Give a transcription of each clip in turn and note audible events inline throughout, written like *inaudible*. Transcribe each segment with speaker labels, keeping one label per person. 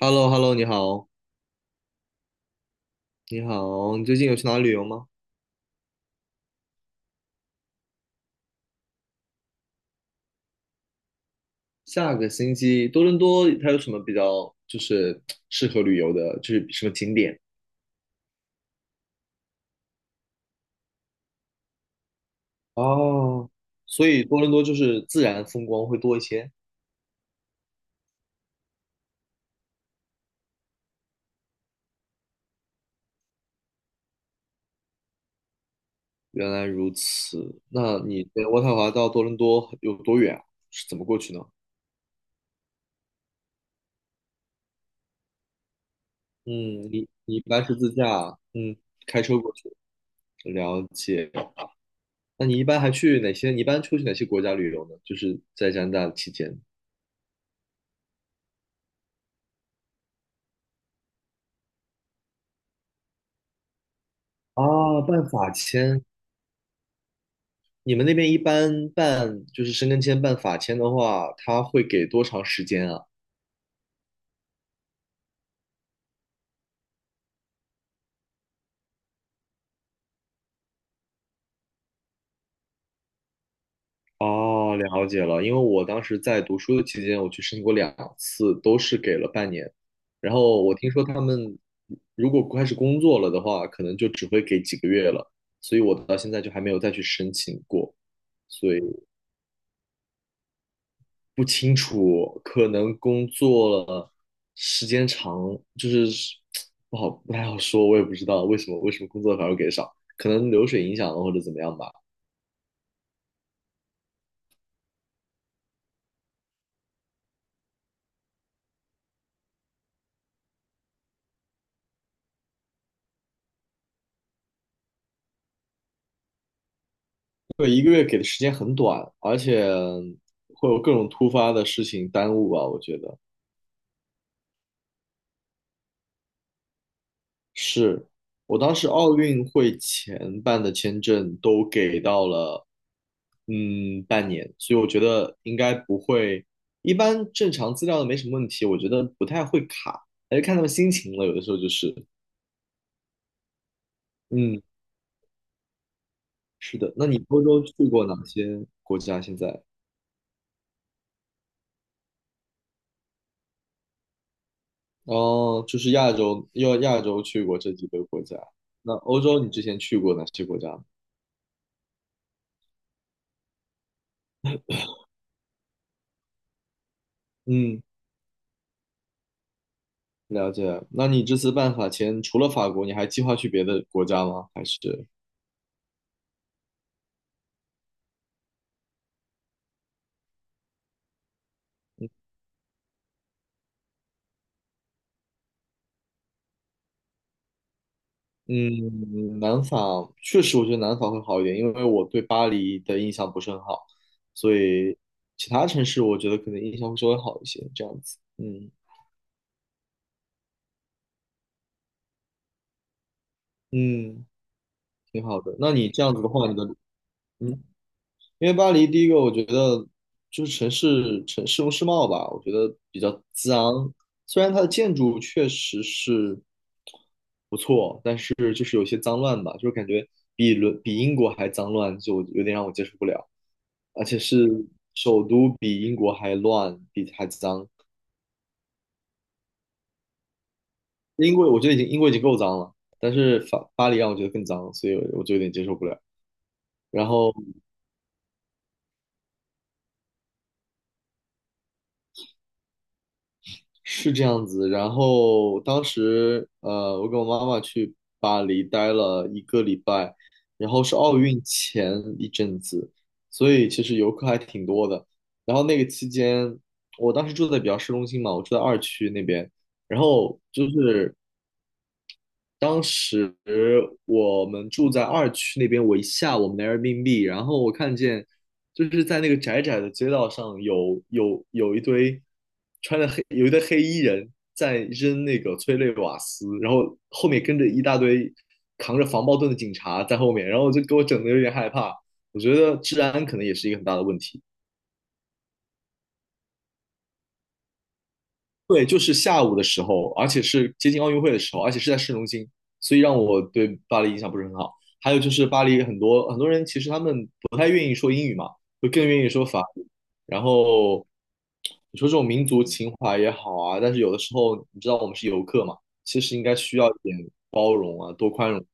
Speaker 1: h e l l o h e l l o 你好，你好，你最近有去哪里旅游吗？下个星期多伦多它有什么比较就是 *tsk* 适合旅游的，就是什么景点？哦，所以多伦多就是自然风光会多一些。原来如此，那你在渥太华到多伦多有多远啊，是怎么过去呢？嗯，你一般是自驾，开车过去，了解。那你一般还去哪些？你一般出去哪些国家旅游呢？就是在加拿大期间。啊，办法签。你们那边一般办就是申根签、办法签的话，他会给多长时间啊？哦，了解了。因为我当时在读书的期间，我去申请过2次，都是给了半年。然后我听说他们如果开始工作了的话，可能就只会给几个月了。所以我到现在就还没有再去申请过。所以。不清楚，可能工作了时间长，就是不太好说，我也不知道为什么工作反而给少，可能流水影响了或者怎么样吧。对，1个月给的时间很短，而且会有各种突发的事情耽误吧，我觉得。是，我当时奥运会前办的签证都给到了，嗯，半年，所以我觉得应该不会，一般正常资料都没什么问题，我觉得不太会卡，还是看他们心情了，有的时候就是，嗯，是的。那你欧洲去过哪些国家？现在？哦，就是亚洲，要亚洲去过这几个国家。那欧洲你之前去过哪些国家？嗯，了解。那你这次办法前，除了法国，你还计划去别的国家吗？还是？嗯，南法确实，我觉得南法会好一点，因为我对巴黎的印象不是很好，所以其他城市我觉得可能印象会稍微好一些，这样子。嗯嗯，挺好的。那你这样子的话，你的嗯，因为巴黎第一个，我觉得就是城市城市容市貌吧，我觉得比较脏，虽然它的建筑确实是。就是有些脏乱吧，就是感觉比英国还脏乱，就有点让我接受不了。而且是首都比英国还乱，比还脏。英国已经够脏了，但是巴黎让我觉得更脏，所以我就有点接受不了。然后是这样子，然后当时我跟我妈妈去巴黎待了1个礼拜，然后是奥运前一阵子，所以其实游客还挺多的。然后那个期间，我当时住在比较市中心嘛，我住在二区那边，然后就是当时我们住在二区那边，我一下我们的 Airbnb，然后我看见就是在那个窄窄的街道上有一堆黑衣人在扔那个催泪瓦斯，然后后面跟着一大堆扛着防爆盾的警察在后面，然后就给我整的有点害怕。我觉得治安可能也是一个很大的问题。对，就是下午的时候，而且是接近奥运会的时候，而且是在市中心，所以让我对巴黎印象不是很好。还有就是巴黎很多很多人其实他们不太愿意说英语嘛，就更愿意说法语。然后你说这种民族情怀也好啊，但是有的时候你知道我们是游客嘛，其实应该需要一点包容啊，多宽容。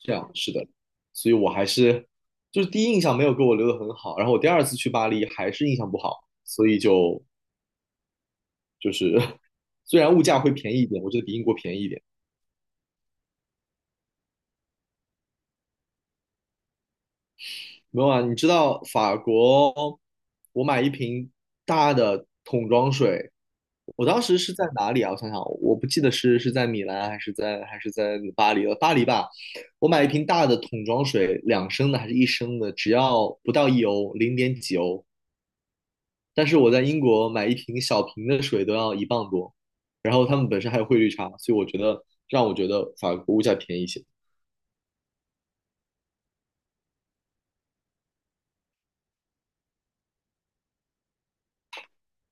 Speaker 1: 这样是的，所以我还是就是第一印象没有给我留的很好，然后我第二次去巴黎还是印象不好，所以就是虽然物价会便宜一点，我觉得比英国便宜一点。没有啊，你知道法国，我买一瓶大的桶装水，我当时是在哪里啊？我想想，我不记得是在米兰还是在巴黎了，巴黎吧。我买一瓶大的桶装水，2升的还是1升的，只要不到1欧，零点几欧。但是我在英国买一瓶小瓶的水都要1磅多，然后他们本身还有汇率差，所以我觉得让我觉得法国物价便宜一些。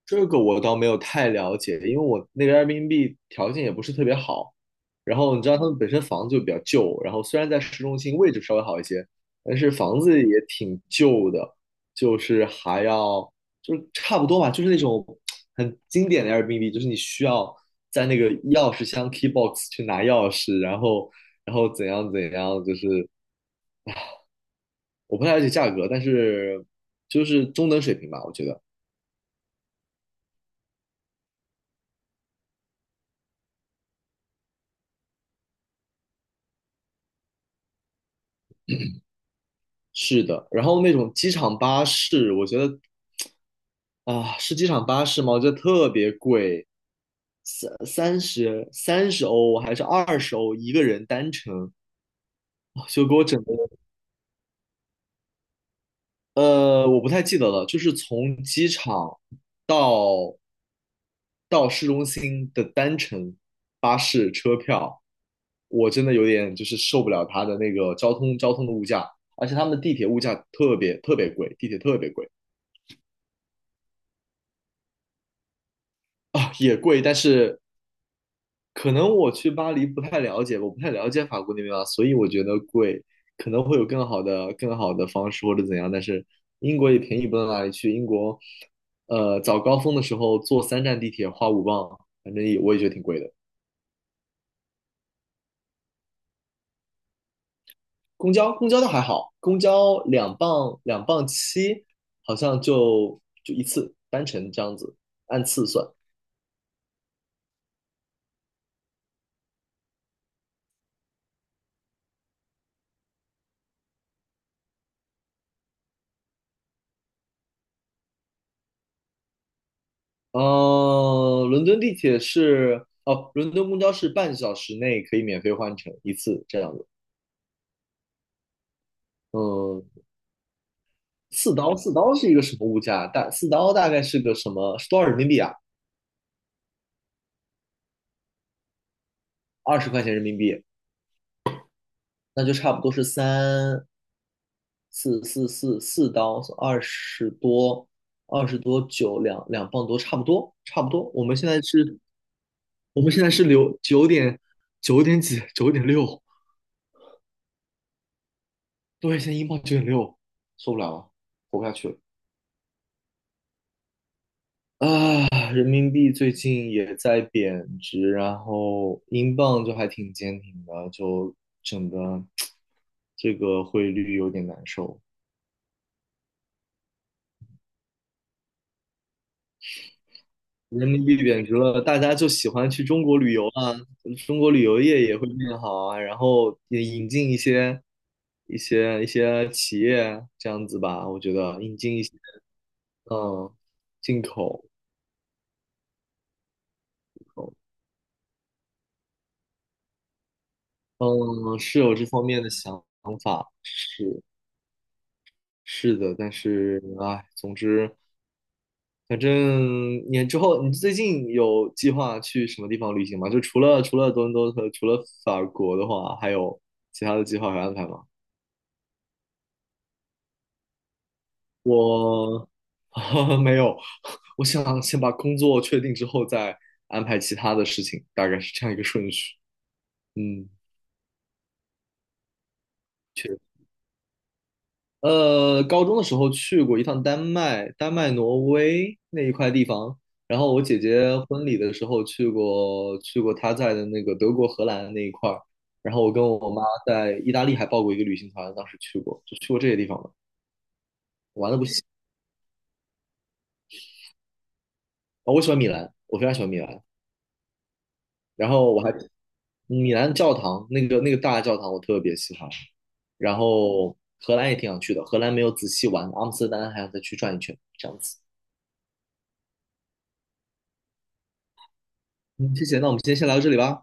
Speaker 1: 这个我倒没有太了解，因为我那个 Airbnb 条件也不是特别好，然后你知道他们本身房子就比较旧，然后虽然在市中心位置稍微好一些，但是房子也挺旧的，就是还要就是差不多吧，就是那种很经典的 Airbnb，就是你需要在那个钥匙箱 key box 去拿钥匙，然后怎样怎样，就是我不太了解价格，但是就是中等水平吧，我觉得。是的，然后那种机场巴士，我觉得啊，是机场巴士吗？我觉得特别贵，三十欧还是二十欧一个人单程，啊就给我整的，我不太记得了，就是从机场到到市中心的单程巴士车票，我真的有点就是受不了它的那个交通的物价，而且他们的地铁物价特别特别贵，地铁特别贵。啊，也贵，但是可能我去巴黎不太了解，我不太了解法国那边啊，所以我觉得贵，可能会有更好的、更好的方式或者怎样。但是英国也便宜不到哪里去，英国，早高峰的时候坐3站地铁花5磅，反正也我也觉得挺贵的。公交倒还好，公交两磅七，好像就一次单程这样子，按次算。伦敦公交是半小时内可以免费换乘一次这样子。嗯，四刀，四刀是一个什么物价？大四刀大概是个什么？是多少人民币啊？20块钱人民币，那就差不多是三四四四四刀，二十多，二十多九两磅多，差不多，差不多。我们现在是留九点几，九点六，对，现在英镑九点六，受不了了，活不下去了。啊，人民币最近也在贬值，然后英镑就还挺坚挺的，就整个这个汇率有点难受。人民币贬值了，大家就喜欢去中国旅游啊，中国旅游业也会变好啊，然后也引进一些企业这样子吧，我觉得引进一些，嗯，进口，嗯，是有这方面的想法，是。是的，但是哎，总之，反正你之后，你最近有计划去什么地方旅行吗？就除了多伦多和除了法国的话，还有其他的计划和安排吗？我 *laughs* 没有，*laughs* 我想先把工作确定之后再安排其他的事情，大概是这样一个顺序。嗯。高中的时候去过一趟丹麦、挪威那一块地方，然后我姐姐婚礼的时候去过她在的那个德国、荷兰那一块儿，然后我跟我妈在意大利还报过一个旅行团，当时去过，就去过这些地方了，玩的不行。哦，我喜欢米兰，我非常喜欢米兰，然后米兰教堂那个大教堂我特别喜欢，然后荷兰也挺想去的，荷兰没有仔细玩，阿姆斯特丹还想再去转一圈，这样子。嗯，谢谢，那我们今天先聊到这里吧。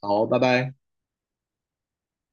Speaker 1: 好，拜拜。